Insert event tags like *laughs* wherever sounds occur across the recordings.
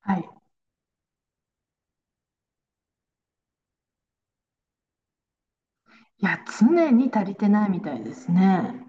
はい。いや、常に足りてないみたいですね。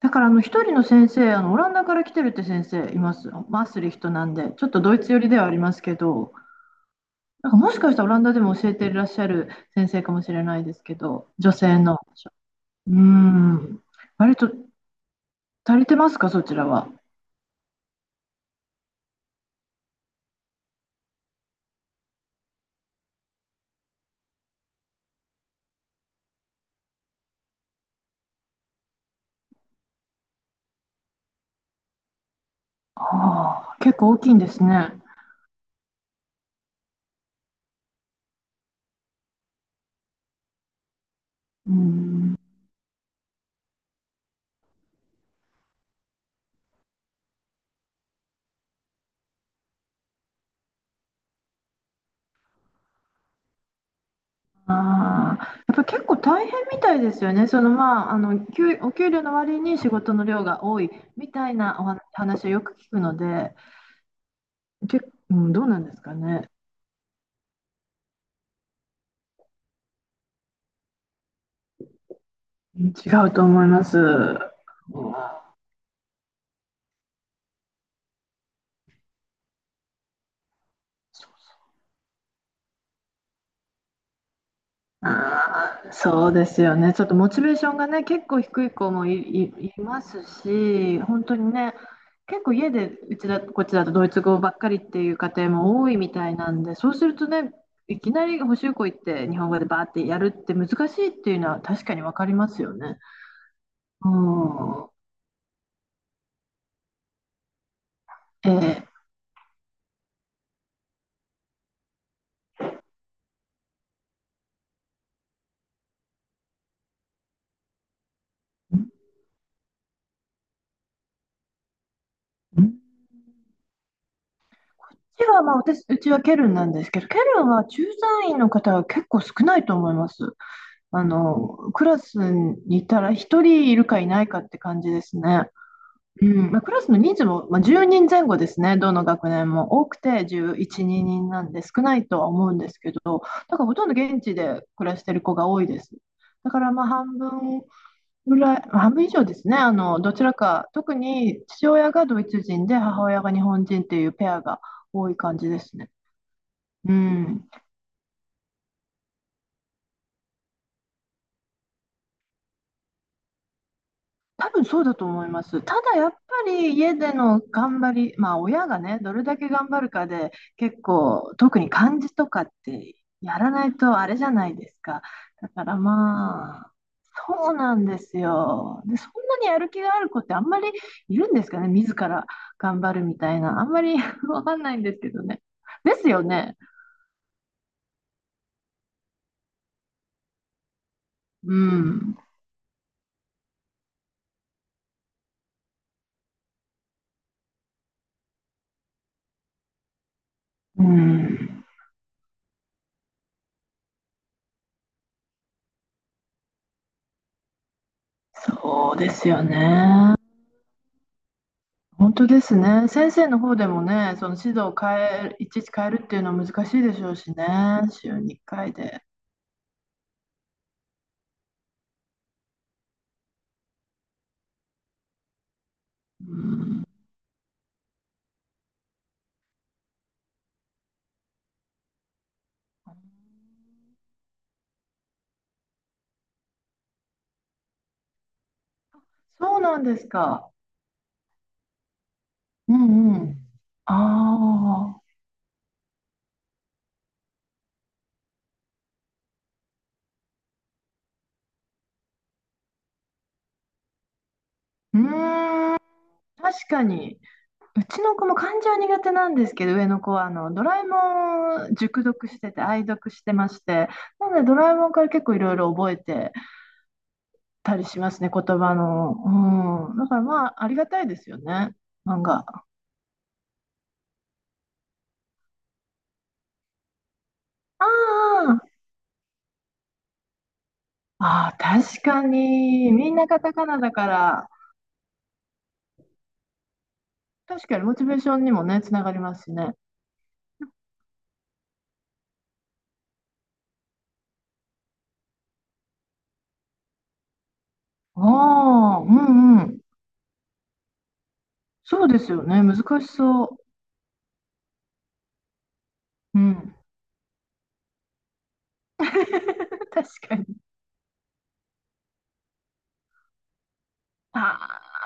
だから、一人の先生、オランダから来てるって先生います。マースリヒトなんで、ちょっとドイツ寄りではありますけど、なんかもしかしたらオランダでも教えていらっしゃる先生かもしれないですけど、女性の。うーん。割と足りてますか、そちらは。ああ、結構大きいんですね。うーん。ああ、やっぱ結構大変みたいですよね。そのまあ、お給料の割に仕事の量が多いみたいなお話をよく聞くので、結構うん、どうなんですかね。うん、違うと思います。うん、そうそうですよね。ちょっとモチベーションがね、結構低い子もいますし、本当にね、結構家でうちだ、こっちだとドイツ語ばっかりっていう家庭も多いみたいなんで、そうするとね、いきなり補習校行って日本語でバーってやるって難しいっていうのは確かにわかりますよね。うん。えーうちはまあ、うちはケルンなんですけど、ケルンは駐在員の方は結構少ないと思います。あの、クラスにいたら一人いるかいないかって感じですね。うん、まあ、クラスの人数も、まあ、10人前後ですね、どの学年も。多くて11、人なんで少ないとは思うんですけど、だからほとんど現地で暮らしてる子が多いです。だからまあ半分ぐらい、まあ半分以上ですね、あのどちらか、特に父親がドイツ人で母親が日本人っていうペアが多い感じですね。うん、多分そうだと思います。ただやっぱり家での頑張り、まあ親がね、どれだけ頑張るかで結構、特に漢字とかってやらないとあれじゃないですか。だからまあ、そうなんですよ。で、そんなにやる気がある子ってあんまりいるんですかね、自ら頑張るみたいな。あんまり *laughs* わかんないんですけどね。ですよね。うん。うん。そうですよね。本当ですね。先生の方でもね、その指導を変える、いちいち変えるっていうのは難しいでしょうしね、週に2回で。うん、そうなんですか。うんうん。ああ、うーん、確かに。うちの子も漢字は苦手なんですけど、上の子はあのドラえもん熟読してて、愛読してまして、なのでドラえもんから結構いろいろ覚えてたりしますね、言葉の。うん、だからまあ、ありがたいですよね、漫画。あああ、確かに。みんなカタカナだから、確かにモチベーションにもね、つながりますしね。ああ、うんうん。そうですよね。難しそう。うん。*laughs* 確かに。ああ、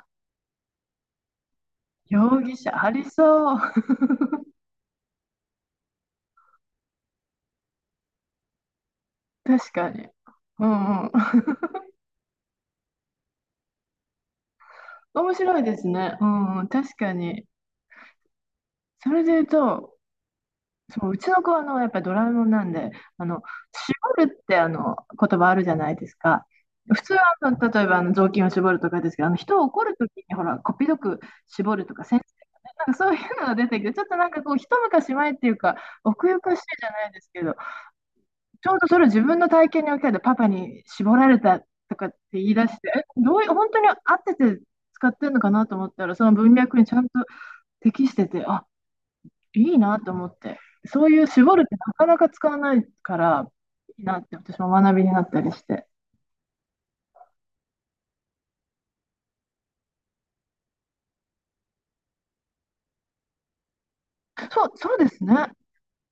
容疑者ありそう。確かに。うんうん。面白いですね。うんうん。確かに。それで言うと、そう、うちの子はあの、やっぱりドラえもんなんで、あの、絞るってあの、言葉あるじゃないですか。普通はあの、例えばあの、雑巾を絞るとかですけど、あの、人を怒るときにほら、こっぴどく絞るとか、なんかそういうのが出てきて、ちょっとなんかこう、一昔前っていうか、奥ゆかしいじゃないですけど、ちょうどそれを自分の体験に置き換えて、パパに絞られたとかって言い出して、え、どういう、本当に合ってて使ってるのかなと思ったら、その文脈にちゃんと適してて、あ、いいなと思って。そういう絞るってなかなか使わないから、いいなって私も学びになったりして。そうですね。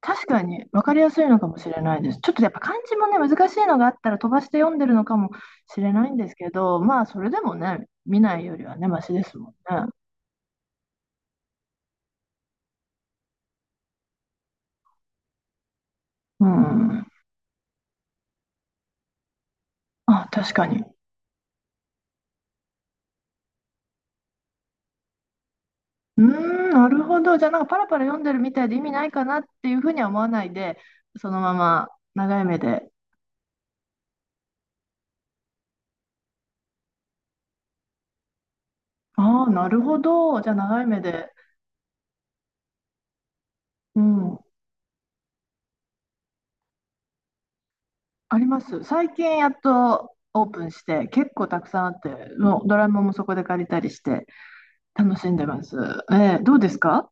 確かに分かりやすいのかもしれないです。ちょっとやっぱ漢字もね、難しいのがあったら飛ばして読んでるのかもしれないんですけど、まあそれでもね、見ないよりはね、マシですもんね。うん。あ、確かに。うーん、なるほど。じゃあなんかパラパラ読んでるみたいで意味ないかなっていうふうには思わないで、そのまま長い目で。ああ、なるほど。じゃあ長い目で。うん。あります。最近やっとオープンして、結構たくさんあって、もうドラムもそこで借りたりして、楽しんでます。えーどうですか？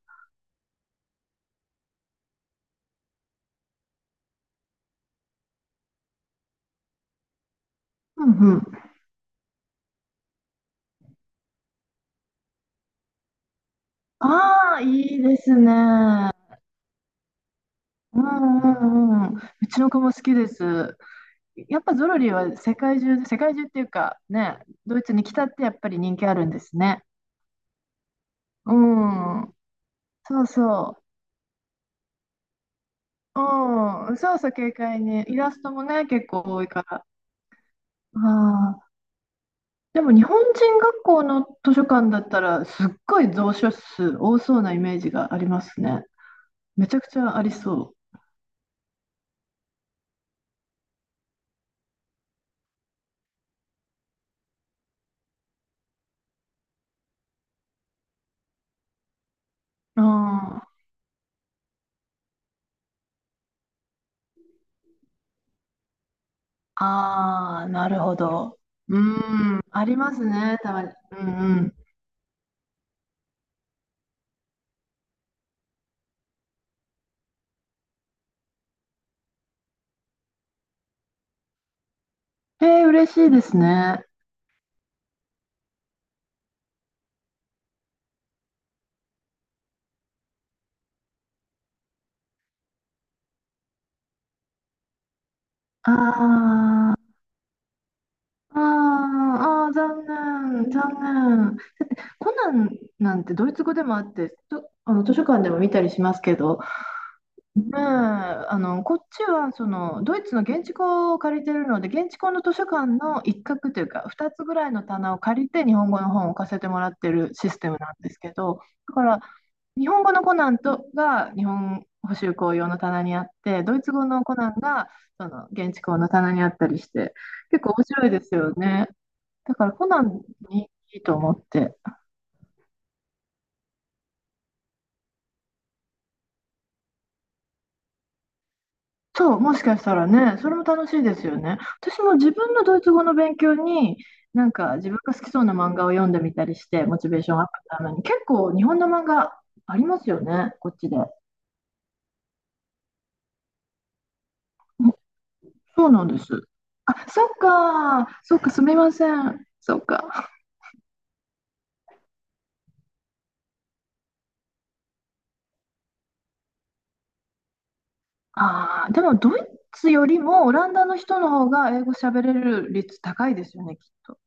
うんうん。ああ、いいですね。うんうん。うんうちの子も好きです。やっぱゾロリは世界中で、世界中っていうかね、ドイツに来たってやっぱり人気あるんですね。うん。そうそう。うん。そうそう、軽快に。イラストもね、結構多いから。あ、でも日本人学校の図書館だったらすっごい蔵書数多そうなイメージがありますね。めちゃくちゃありそう。あー、ああ、なるほど。うん、ありますね、たまに。うんうん。えー、嬉しいですね。あーあー、残念。コナンなんてドイツ語でもあって、とあの図書館でも見たりしますけど、ねえ、あの、こっちは、その、ドイツの現地校を借りてるので、現地校の図書館の一角というか、2つぐらいの棚を借りて、日本語の本を置かせてもらってるシステムなんですけど、だから、日本語のコナンとが日本補習校用の棚にあって、ドイツ語のコナンが、その、現地校の棚にあったりして、結構面白いですよね。だから、コナンにいいと思って。そう、もしかしたらね、それも楽しいですよね。私も自分のドイツ語の勉強に、なんか自分が好きそうな漫画を読んでみたりして、モチベーションアップのために、結構日本の漫画ありますよね、こっちで。そうなんです。あ、そっか、すみません。そっか。ああ、でもドイツよりもオランダの人の方が英語喋れる率高いですよね、きっと。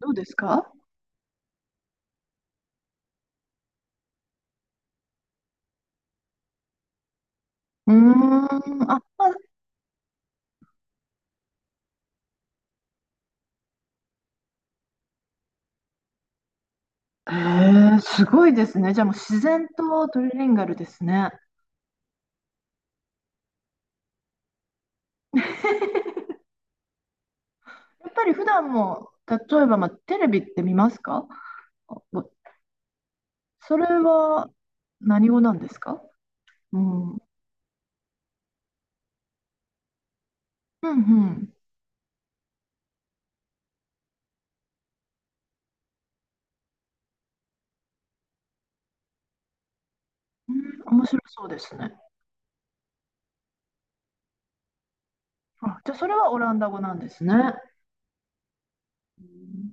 どうですか？うーん、あ、まあへえ、すごいですね。じゃあもう自然とトリリンガルですね。やっぱり普段も、例えば、まあ、テレビって見ますか？あおそれは何語なんですか？うん。うんうん。うん、面白そうですね。あ、じゃあそれはオランダ語なんですね。うん